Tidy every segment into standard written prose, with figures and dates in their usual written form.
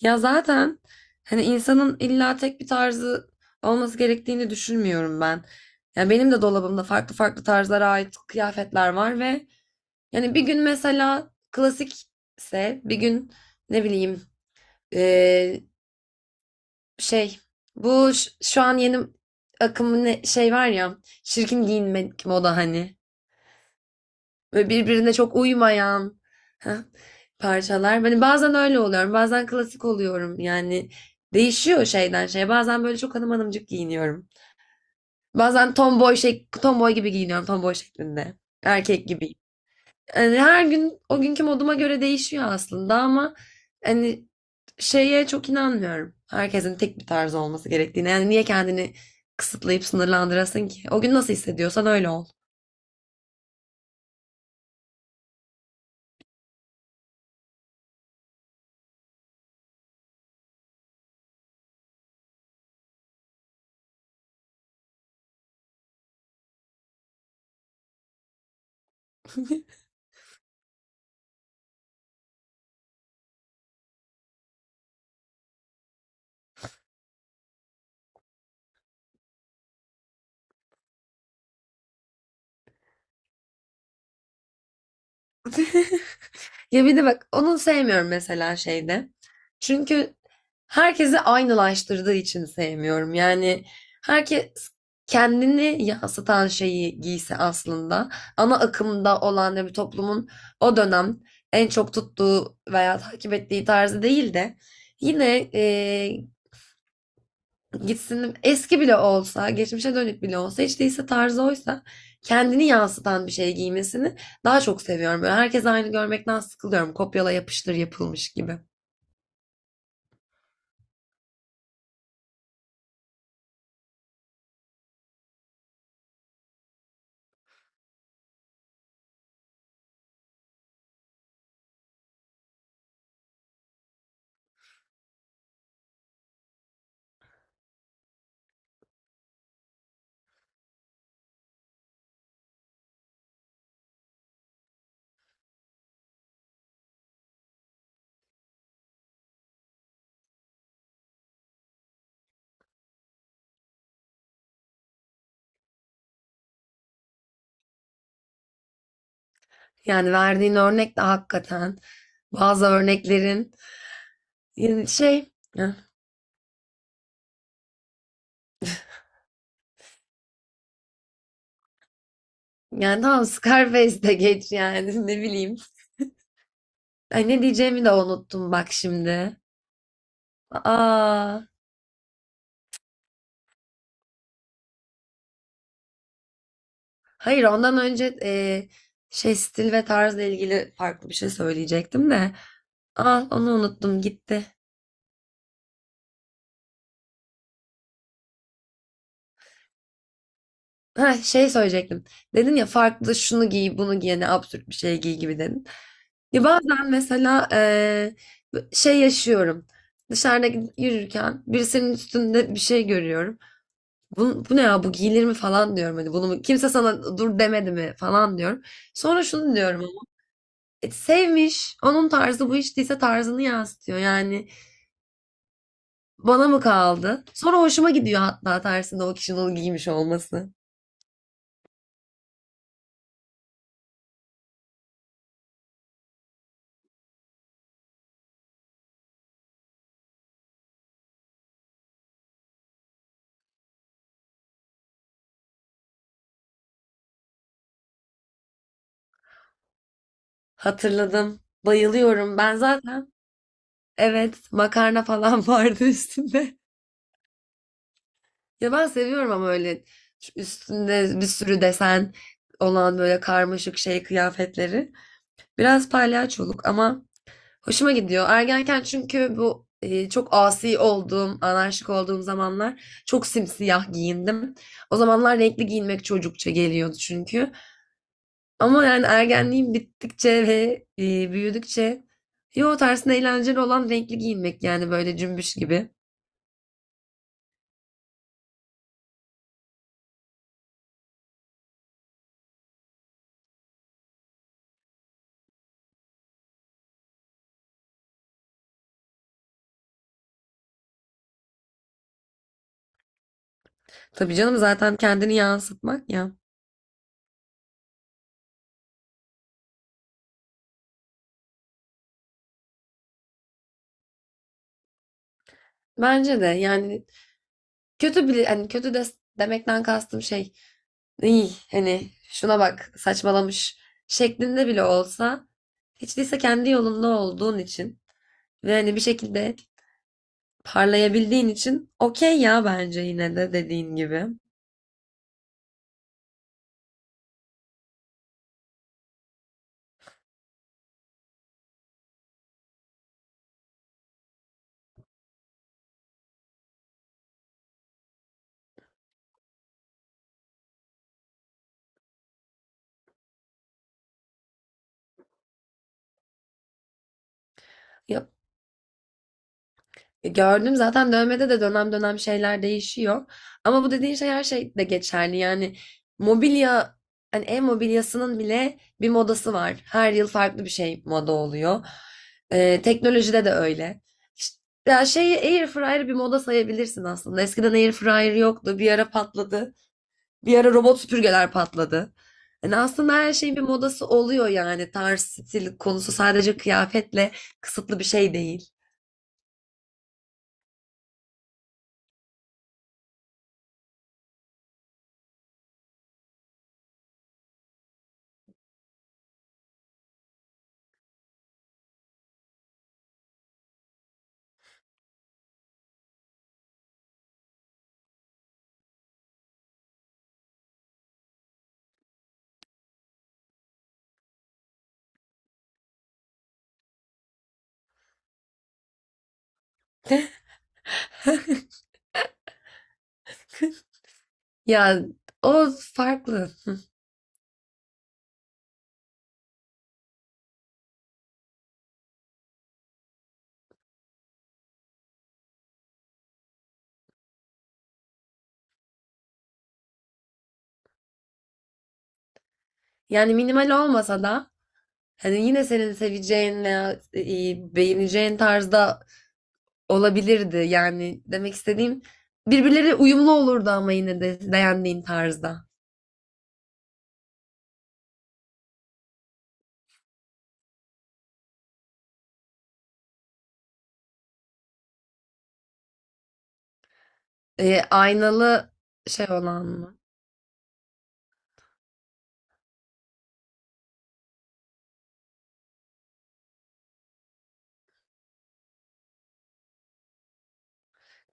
Ya zaten hani insanın illa tek bir tarzı olması gerektiğini düşünmüyorum ben. Ya benim de dolabımda farklı farklı tarzlara ait kıyafetler var ve yani bir gün mesela klasikse bir gün ne bileyim eee, şey bu şu an yeni akımın şey var ya şirkin giyinmek moda hani. Böyle birbirine çok uymayan heh, parçalar. Hani bazen öyle oluyorum, bazen klasik oluyorum. Yani değişiyor şeyden şeye. Bazen böyle çok hanım hanımcık giyiniyorum. Bazen tomboy şey, tomboy gibi giyiniyorum, tomboy şeklinde. Erkek gibi. Yani her gün o günkü moduma göre değişiyor aslında ama hani şeye çok inanmıyorum. Herkesin tek bir tarzı olması gerektiğine. Yani niye kendini kısıtlayıp sınırlandırasın ki? O gün nasıl hissediyorsan öyle ol. Ya bir de bak onu sevmiyorum mesela şeyde. Çünkü herkesi aynılaştırdığı için sevmiyorum. Yani herkes kendini yansıtan şeyi giyse aslında ana akımda olan da bir toplumun o dönem en çok tuttuğu veya takip ettiği tarzı değil de yine gitsin eski bile olsa, geçmişe dönük bile olsa, hiç değilse tarzı oysa kendini yansıtan bir şey giymesini daha çok seviyorum. Böyle herkes aynı görmekten sıkılıyorum. Kopyala yapıştır yapılmış gibi. Yani verdiğin örnek de hakikaten bazı örneklerin yani şey yani tamam, Scarface de geç yani. Ne bileyim, ay ne diyeceğimi de unuttum bak şimdi. Aa, hayır, ondan önce şey stil ve tarzla ilgili farklı bir şey söyleyecektim de. Aa, onu unuttum gitti. Ha, şey söyleyecektim. Dedin ya farklı şunu giy bunu giy ne absürt bir şey giy gibi dedin. Ya bazen mesela şey yaşıyorum. Dışarıda gidip yürürken birisinin üstünde bir şey görüyorum. Bu, bu ne ya bu giyilir mi falan diyorum. Hani bunu kimse sana dur demedi mi falan diyorum. Sonra şunu diyorum. E, sevmiş. Onun tarzı bu, hiç değilse tarzını yansıtıyor. Yani bana mı kaldı? Sonra hoşuma gidiyor hatta tersinde o kişinin onu giymiş olması. Hatırladım. Bayılıyorum. Ben zaten evet, makarna falan vardı üstünde. Ya ben seviyorum ama öyle üstünde bir sürü desen olan böyle karmaşık şey kıyafetleri. Biraz palyaçoluk ama hoşuma gidiyor. Ergenken çünkü bu çok asi olduğum, anarşik olduğum zamanlar çok simsiyah giyindim. O zamanlar renkli giyinmek çocukça geliyordu çünkü. Ama yani ergenliğim bittikçe ve büyüdükçe yo tersine eğlenceli olan renkli giyinmek yani böyle cümbüş gibi. Tabii canım, zaten kendini yansıtmak ya. Bence de yani kötü bile, hani kötü de demekten kastım şey, İyi hani şuna bak saçmalamış şeklinde bile olsa hiç değilse kendi yolunda olduğun için ve hani bir şekilde parlayabildiğin için okey ya bence, yine de dediğin gibi. Ya, e, gördüm zaten dövmede de dönem dönem şeyler değişiyor. Ama bu dediğin şey her şeyde geçerli. Yani mobilya, hani ev mobilyasının bile bir modası var. Her yıl farklı bir şey moda oluyor. Teknolojide de öyle. İşte, ya şeyi, air fryer bir moda sayabilirsin aslında. Eskiden air fryer yoktu. Bir ara patladı. Bir ara robot süpürgeler patladı. Yani aslında her şeyin bir modası oluyor yani. Tarz, stil konusu sadece kıyafetle kısıtlı bir şey değil. Ya o farklı. Yani minimal olmasa da hani yine senin seveceğin veya beğeneceğin tarzda olabilirdi yani demek istediğim, birbirleri uyumlu olurdu ama yine de beğendiğin tarzda. Aynalı şey olan mı?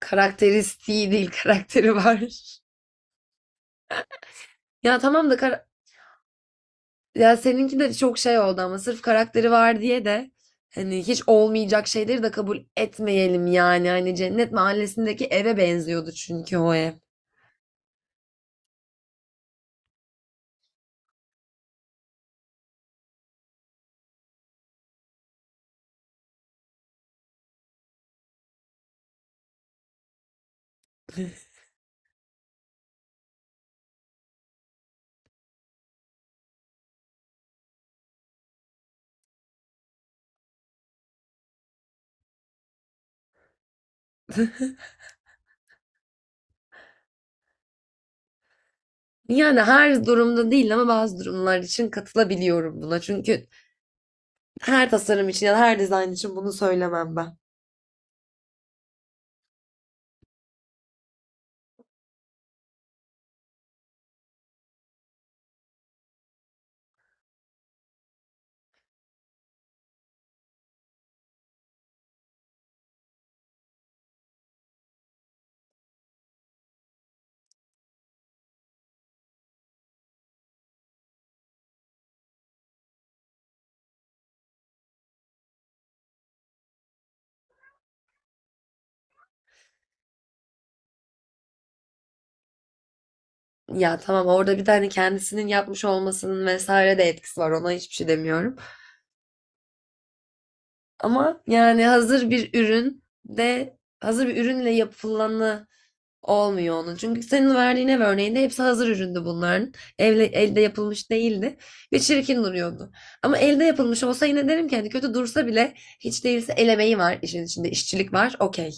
Karakteristiği değil, karakteri var. Ya tamam da kar- Ya seninki de çok şey oldu ama sırf karakteri var diye de hani hiç olmayacak şeyleri de kabul etmeyelim yani. Hani Cennet Mahallesi'ndeki eve benziyordu çünkü o ev. Yani her durumda değil ama bazı durumlar için katılabiliyorum buna. Çünkü her tasarım için ya da her dizayn için bunu söylemem ben. Ya tamam, orada bir tane kendisinin yapmış olmasının vesaire de etkisi var. Ona hiçbir şey demiyorum. Ama yani hazır bir ürün de hazır bir ürünle yapılanı olmuyor onun. Çünkü senin verdiğin ev örneğinde hepsi hazır üründü bunların. Evle, elde yapılmış değildi ve çirkin duruyordu. Ama elde yapılmış olsa yine derim ki hani kötü dursa bile hiç değilse el emeği var işin içinde, işçilik var, okey.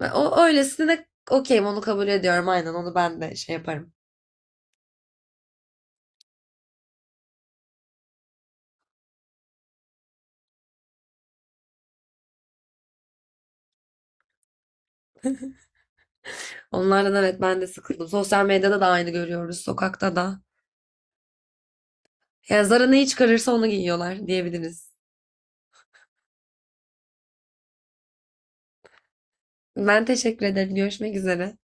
Ben o öylesine okeyim, onu kabul ediyorum, aynen onu ben de şey yaparım. Onlardan evet, ben de sıkıldım. Sosyal medyada da aynı görüyoruz, sokakta da. Yani Zara neyi çıkarırsa onu giyiyorlar diyebiliriz. Ben teşekkür ederim. Görüşmek üzere.